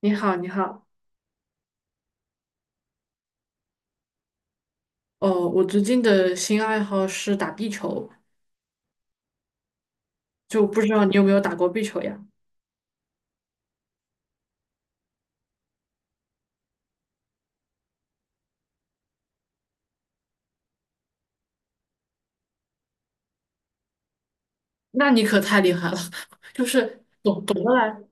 你好，你好。哦，我最近的新爱好是打壁球，就不知道你有没有打过壁球呀？那你可太厉害了，就是总总的来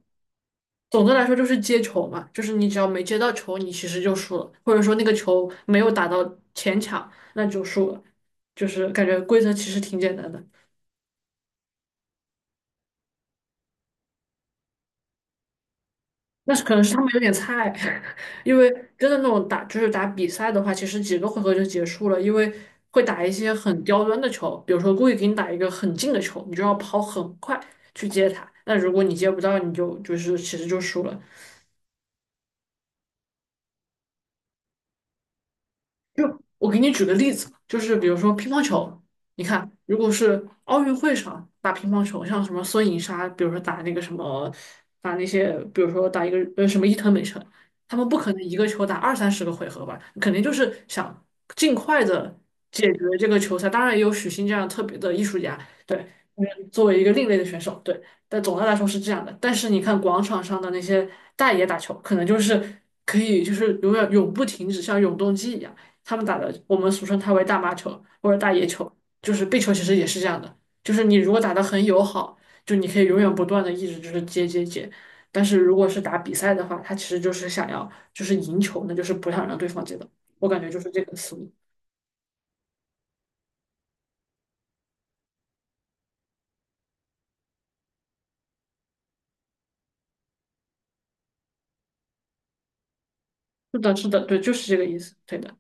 总的来说就是接球嘛，就是你只要没接到球，你其实就输了，或者说那个球没有打到前场，那就输了，就是感觉规则其实挺简单的。那是可能是他们有点菜，因为真的那种打就是打比赛的话，其实几个回合就结束了，因为会打一些很刁钻的球，比如说故意给你打一个很近的球，你就要跑很快去接它。那如果你接不到，你就是其实就输了。就我给你举个例子吧就是比如说乒乓球，你看，如果是奥运会上打乒乓球，像什么孙颖莎，比如说打那个什么，打那些，比如说打一个什么伊藤美诚，他们不可能一个球打20~30个回合吧，肯定就是想尽快的解决这个球赛。当然也有许昕这样特别的艺术家，对，嗯作为一个另类的选手，对。但总的来说是这样的。但是你看广场上的那些大爷打球，可能就是可以就是永远永不停止，像永动机一样。他们打的，我们俗称它为大妈球或者大爷球，就是壁球其实也是这样的，就是你如果打得很友好，就你可以永远不断的一直就是接接接，但是如果是打比赛的话，他其实就是想要就是赢球，那就是不想让对方接到，我感觉就是这个思路。是的，是的，对，就是这个意思，对的。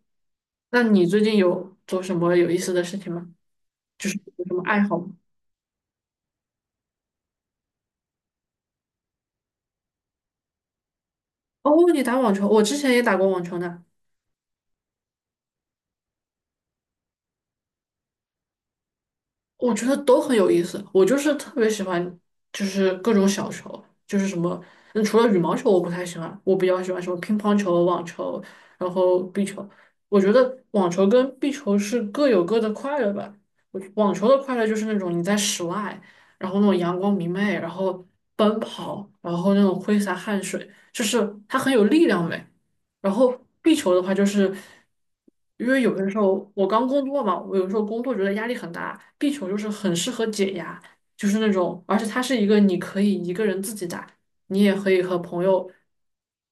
那你最近有做什么有意思的事情吗？就是有什么爱好吗？哦，你打网球，我之前也打过网球呢。我觉得都很有意思。我就是特别喜欢，就是各种小球，就是什么，嗯，除了羽毛球我不太喜欢，我比较喜欢什么乒乓球、网球，然后壁球。我觉得网球跟壁球是各有各的快乐吧。我网球的快乐就是那种你在室外，然后那种阳光明媚，然后奔跑，然后那种挥洒汗水，就是它很有力量美。然后壁球的话，就是因为有的时候我刚工作嘛，我有时候工作觉得压力很大，壁球就是很适合解压，就是那种，而且它是一个你可以一个人自己打，你也可以和朋友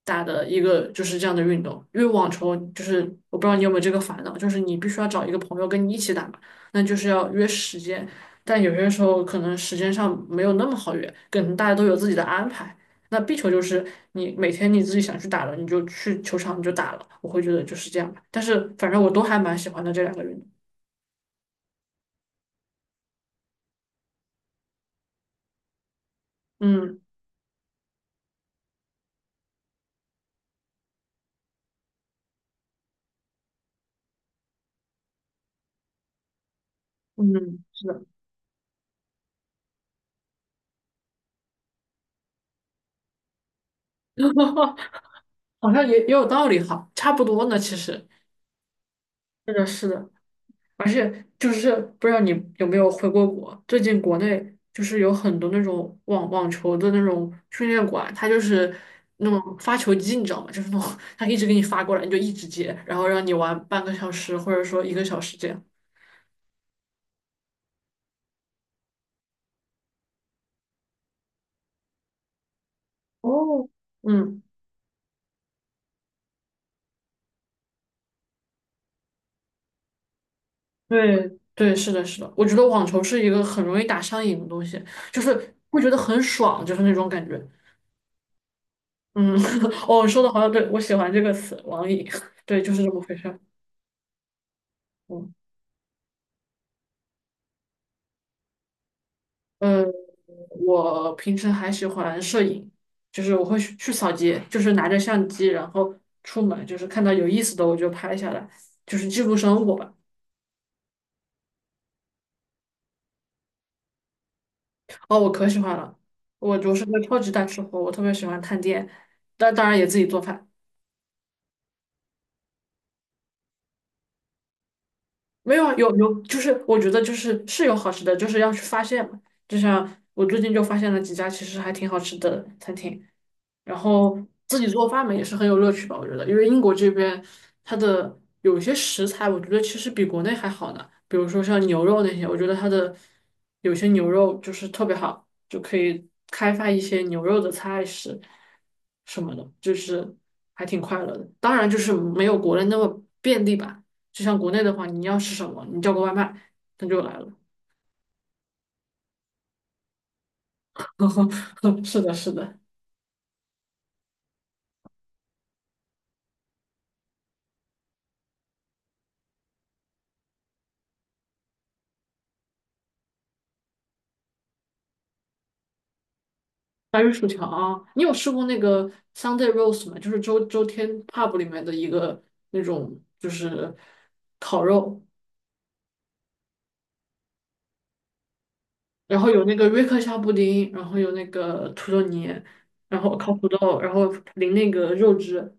打的一个就是这样的运动。因为网球就是我不知道你有没有这个烦恼，就是你必须要找一个朋友跟你一起打嘛，那就是要约时间，但有些时候可能时间上没有那么好约，可能大家都有自己的安排。那壁球就是你每天你自己想去打了，你就去球场你就打了，我会觉得就是这样吧。但是反正我都还蛮喜欢的这两个人。嗯嗯，是的，好像也有道理哈，差不多呢，其实是的，是的。而且就是不知道你有没有回过国，最近国内就是有很多那种网球的那种训练馆，它就是那种发球机，你知道吗？就是那种 它一直给你发过来，你就一直接，然后让你玩半个小时或者说1个小时这样。哦，嗯，对对，是的，是的，我觉得网球是一个很容易打上瘾的东西，就是会觉得很爽，就是那种感觉。嗯，哦，说的好像对，我喜欢这个词，网瘾，对，就是这么回事儿。嗯，呃，我平时还喜欢摄影，就是我会去扫街，就是拿着相机，然后出门，就是看到有意思的我就拍下来，就是记录生活吧。哦，我可喜欢了，我是个超级大吃货，我特别喜欢探店，但当然也自己做饭。没有啊，有有，就是我觉得就是是有好吃的，就是要去发现嘛。就像我最近就发现了几家其实还挺好吃的餐厅，然后自己做饭嘛也是很有乐趣吧，我觉得，因为英国这边它的有些食材，我觉得其实比国内还好呢，比如说像牛肉那些，我觉得它的有些牛肉就是特别好，就可以开发一些牛肉的菜式什么的，就是还挺快乐的。当然就是没有国内那么便利吧，就像国内的话，你要吃什么，你叫个外卖，它就来了。是的，是的。白玉薯条啊，你有试过那个 Sunday roast 吗？就是周天 pub 里面的一个那种，就是烤肉，然后有那个瑞克夏布丁，然后有那个土豆泥，然后烤土豆，然后淋那个肉汁，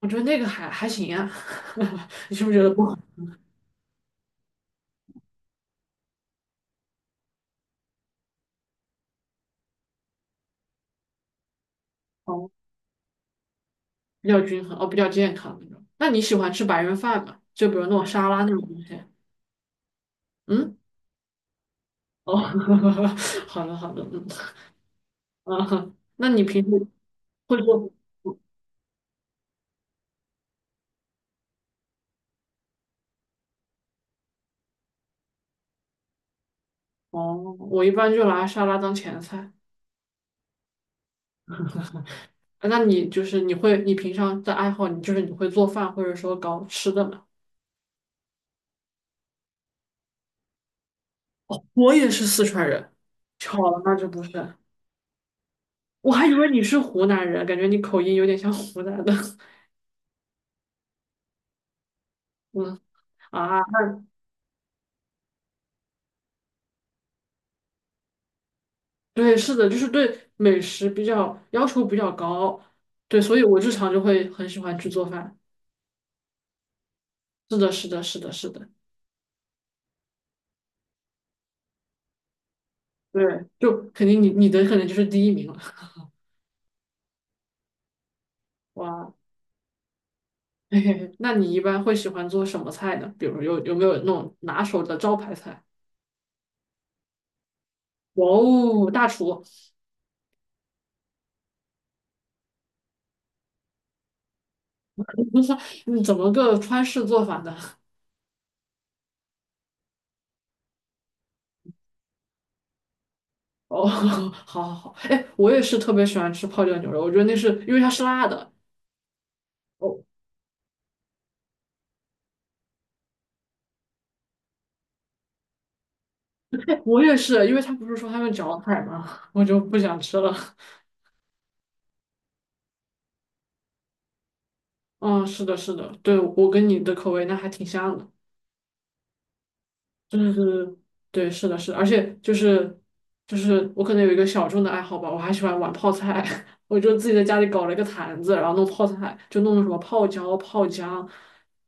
我觉得那个还行啊。你是不是觉得不好？哦，比较均衡，哦，比较健康那种。那你喜欢吃白人饭吗？就比如那种沙拉那种东西？嗯，哦，好的好的，嗯嗯，那你平时会做？哦，我一般就拿沙拉当前菜。啊那你就是你会，你平常的爱好，你就是你会做饭，或者说搞吃的吗？我也是四川人，巧了，那就不是。我还以为你是湖南人，感觉你口音有点像湖南的。嗯啊，对，是的，就是对美食比较要求比较高，对，所以我日常就会很喜欢去做饭。是的，是的，是的，是的，对，就肯定你的可能就是第一名了。哇。嘿嘿嘿，那你一般会喜欢做什么菜呢？比如有没有那种拿手的招牌菜？哇哦，大厨，你怎么个川式做法呢？哦，好好好，哎，我也是特别喜欢吃泡椒牛肉，我觉得那是因为它是辣的。哦，哎，我也是，因为他不是说他们搅海吗？我就不想吃了。嗯，是的，是的，对，我跟你的口味那还挺像的。对对对，对，是的，是的，而且就是就是我可能有一个小众的爱好吧，我还喜欢玩泡菜，我就自己在家里搞了一个坛子，然后弄泡菜，就弄什么泡椒、泡姜，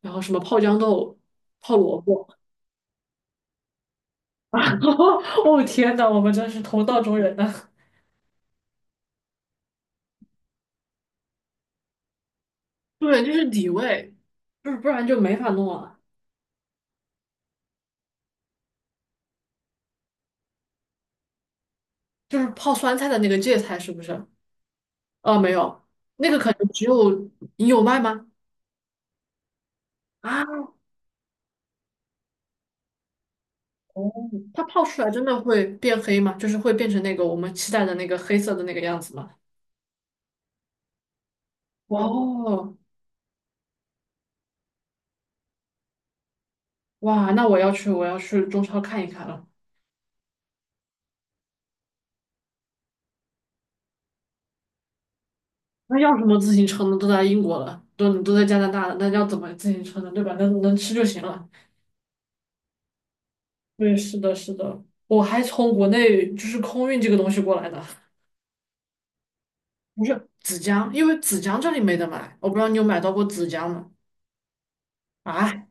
然后什么泡豇豆、泡萝卜，然后哦天呐，我们真是同道中人呐、对，就是底味。就是不然就没法弄了。就是泡酸菜的那个芥菜是不是？啊，没有，那个可能只有你有卖吗？啊？哦，它泡出来真的会变黑吗？就是会变成那个我们期待的那个黑色的那个样子吗？哦，哇，那我要去，我要去中超看一看了。那要什么自行车呢？都在英国了，都在加拿大了，那要怎么自行车呢？对吧？能能吃就行了。对，是的，是的，我还从国内就是空运这个东西过来的，不是紫姜，因为紫姜这里没得买，我不知道你有买到过紫姜吗？啊？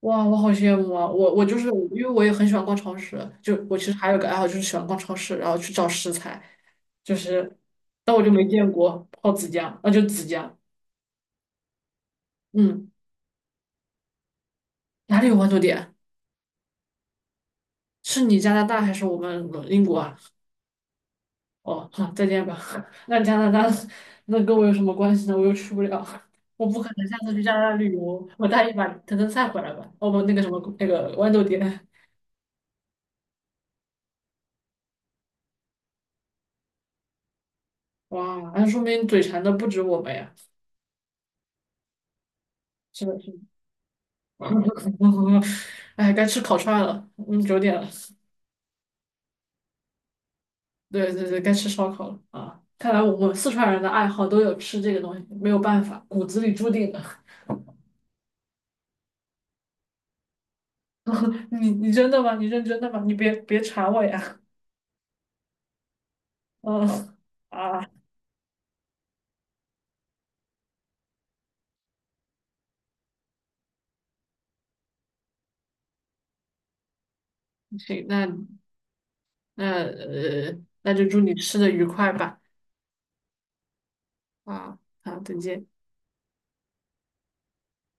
哇，我好羡慕啊！我我就是因为我也很喜欢逛超市，就我其实还有个爱好就是喜欢逛超市，然后去找食材，就是但我就没见过泡子酱，那就子酱，嗯，哪里有豌豆点？是你加拿大还是我们英国啊？哦，好，再见吧。那加拿大那跟我有什么关系呢？我又去不了，我不可能下次去加拿大旅游，我带一把藤根菜回来吧。哦不，那个什么那个豌豆点，哇，那说明嘴馋的不止我们呀。是的，是的。哎，该吃烤串了，嗯，9点了，对对对，该吃烧烤了啊！看来我们四川人的爱好都有吃这个东西，没有办法，骨子里注定的。你你真的吗？你认真的吗？你别别馋我呀！嗯 啊，行，那那那就祝你吃的愉快吧！啊好，再见。